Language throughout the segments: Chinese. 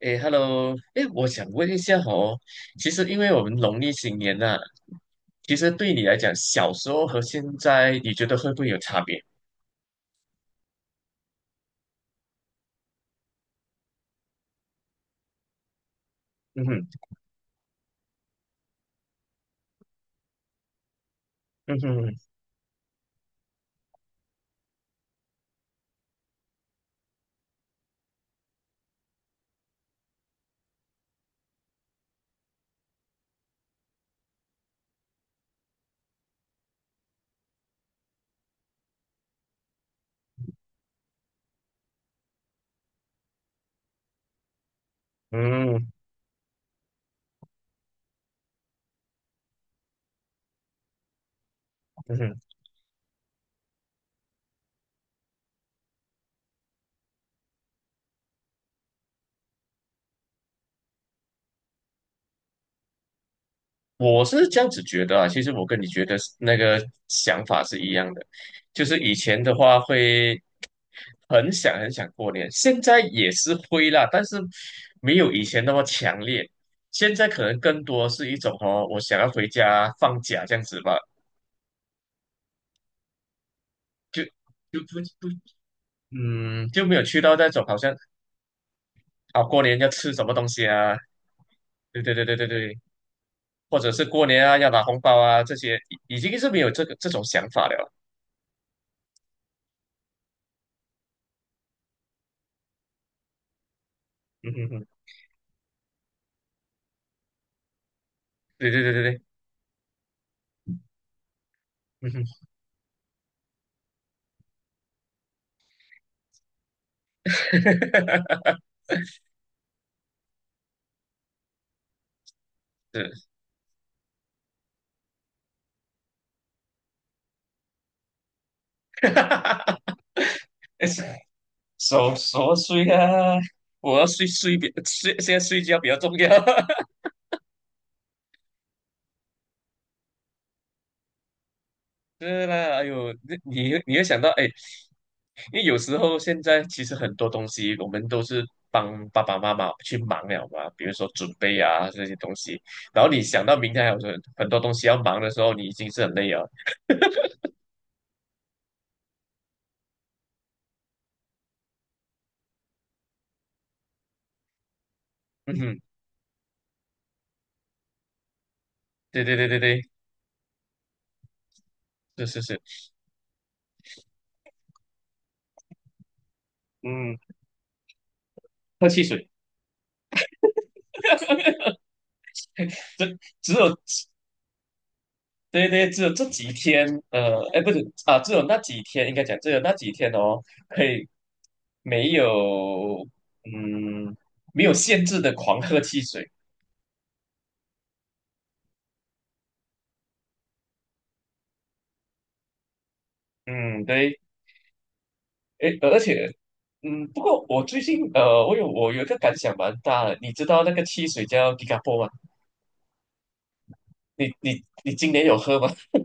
诶 hello 诶，我想问一下哦，其实因为我们农历新年呐、其实对你来讲，小时候和现在，你觉得会不会有差别？嗯哼，嗯哼，嗯嗯哼，我是这样子觉得啊。其实我跟你觉得是那个想法是一样的，就是以前的话会很想很想过年，现在也是会啦，但是没有以前那么强烈。现在可能更多是一种哦，我想要回家放假这样子吧，就。就不不嗯，就没有去到那种好像啊，过年要吃什么东西啊？对对对对对对，或者是过年啊要拿红包啊这些，已经是没有这种想法了。嗯哼哼，对对对对对，嗯哼，是，是守岁啊，我要睡，现在睡觉比较重要。是啦，哎呦，你会想到哎，因为有时候现在其实很多东西我们都是帮爸爸妈妈去忙了嘛，比如说准备啊这些东西，然后你想到明天还有很多东西要忙的时候，你已经是很累了。嗯哼，对对对对对，是是是，嗯，喝汽水。只有对对，只有这几天，哎，不是啊，只有那几天，应该讲只有那几天哦，可以没有，嗯，没有限制的狂喝汽水，嗯，对，哎，而且嗯，不过我最近我有一个感想蛮大的，你知道那个汽水叫 Gigapo 吗？你今年有喝吗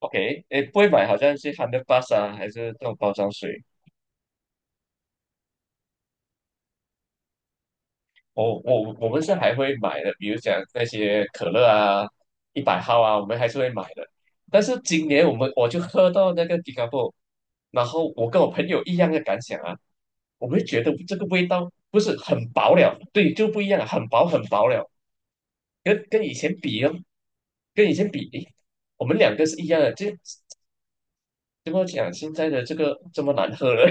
？OK，诶，不会买，好像是 Hundred p s 啊，还是这种包装水。我们是还会买的，比如讲那些可乐啊、100号啊，我们还是会买的。但是今年我就喝到那个 Gigapo，然后我跟我朋友一样的感想啊，我们觉得这个味道不是很薄了，对，就不一样了，很薄很薄了。跟跟以前比，跟以前比，诶，我们两个是一样的，就怎么讲，现在的这个这么难喝了，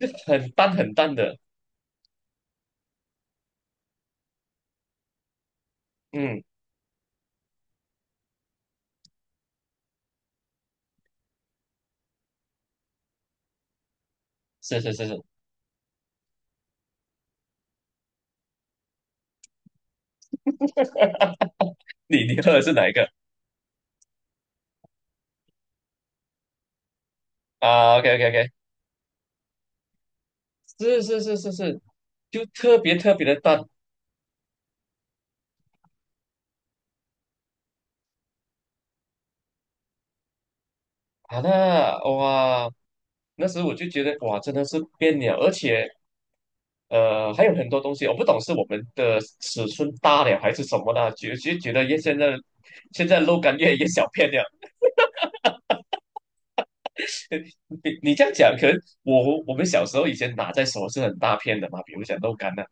很淡很淡的。嗯，是是是是，你喝的是哪一个啊？OK OK OK，是是是是是，就特别特别的淡好的哇，那时候我就觉得哇，真的是变了，而且还有很多东西，我不懂是我们的尺寸大了还是什么的，觉得越现在现在肉干越小片了。你这样讲，可能我们小时候以前拿在手是很大片的嘛，比如讲豆干呐、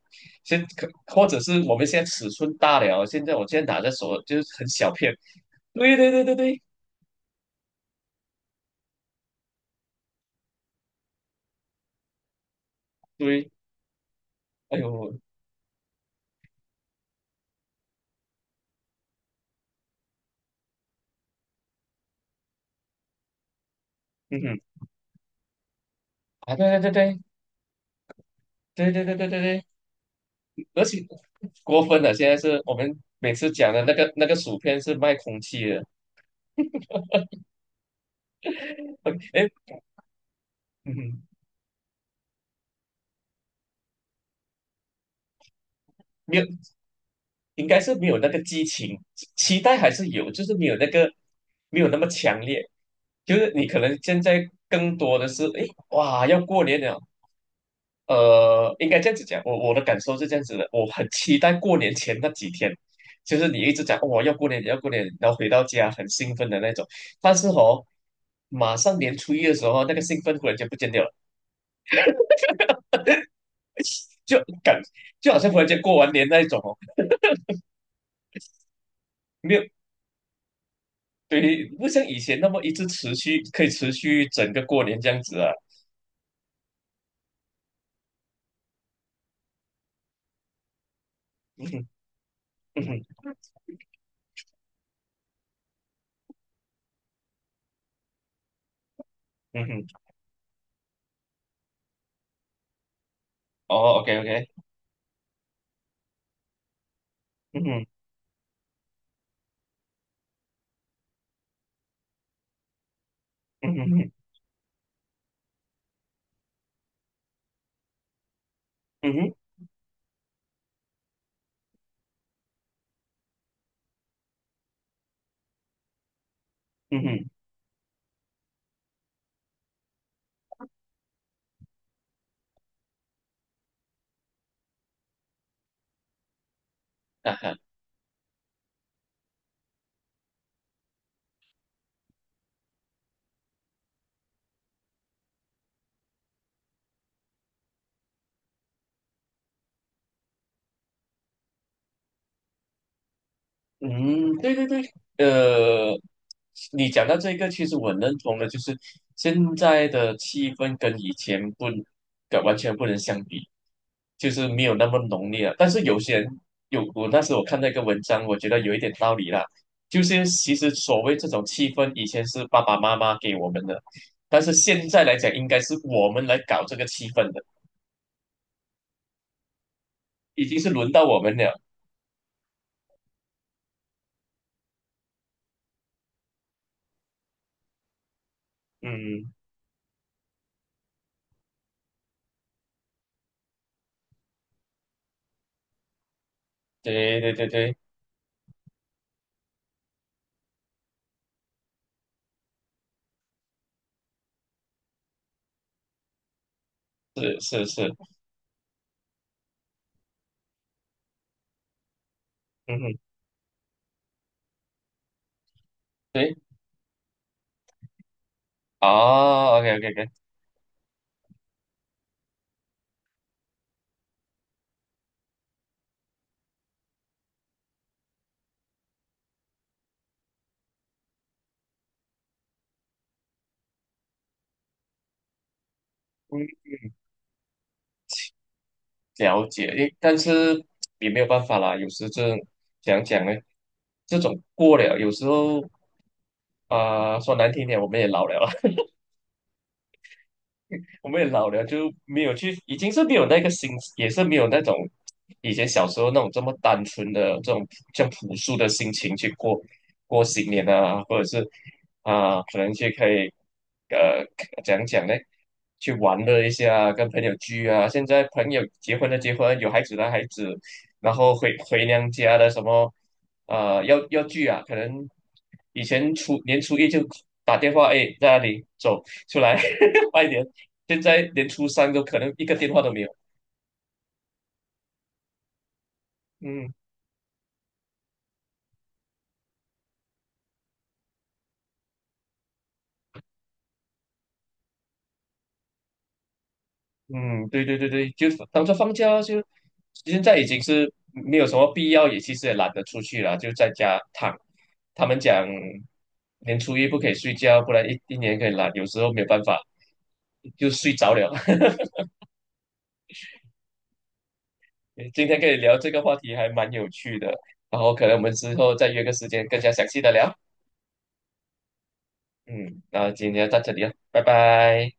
或者是我们现在尺寸大了，我现在拿在手就是很小片。对对对对对对，哎呦，嗯哼，啊对对对对对对对对对对，而且过分了，现在是我们每次讲的那个薯片是卖空气的，哎哎，嗯哼，没有应该是没有那个激情，期待还是有，就是没有那么强烈。就是你可能现在更多的是，诶，哇，要过年了，应该这样子讲，我的感受是这样子的，我很期待过年前那几天，就是你一直讲哦，要过年，要过年，然后回到家很兴奋的那种，但是哦，马上年初一的时候，那个兴奋忽然间不见掉了，就感就好像忽然间过完年那一种哦。没有。对，不像以前那么一直持续，可以持续整个过年这样子啊。嗯哼，嗯哼，嗯哼，哦，OK，OK，嗯哼，嗯哼，嗯哼，嗯哼，嗯哼，啊哈。嗯，对对对，呃，你讲到这个，其实我认同的，就是现在的气氛跟完全不能相比，就是没有那么浓烈了。但是有些人有，我那时候看到一个文章，我觉得有一点道理啦，就是其实所谓这种气氛，以前是爸爸妈妈给我们的，但是现在来讲，应该是我们来搞这个气氛的，已经是轮到我们了。嗯，对对对对，是是是，嗯哼。啊，OK OK OK，嗯，了解，诶，但是也没有办法啦，有时这讲讲呢，这种过了，有时候啊、说难听点，我们也老了。我们也老了，就没有去，已经是没有那个心，也是没有那种以前小时候那种这么单纯的这种像朴素的心情去过过新年啊，或者是啊、可能去可以呃讲讲呢，去玩乐一下啊，跟朋友聚啊。现在朋友结婚的结婚，有孩子的孩子，然后回娘家的什么要聚啊，可能以前初一就打电话，哎，在那里走出来，拜年。现在连初三都可能一个电话都没有。嗯嗯，对对对对，就当做放假就，现在已经是没有什么必要，也其实也懒得出去了，就在家躺。他们讲年初一不可以睡觉，不然一年可以懒，有时候没办法就睡着了。今天跟你聊这个话题还蛮有趣的，然后可能我们之后再约个时间更加详细的聊。嗯，那今天到这里了，拜拜。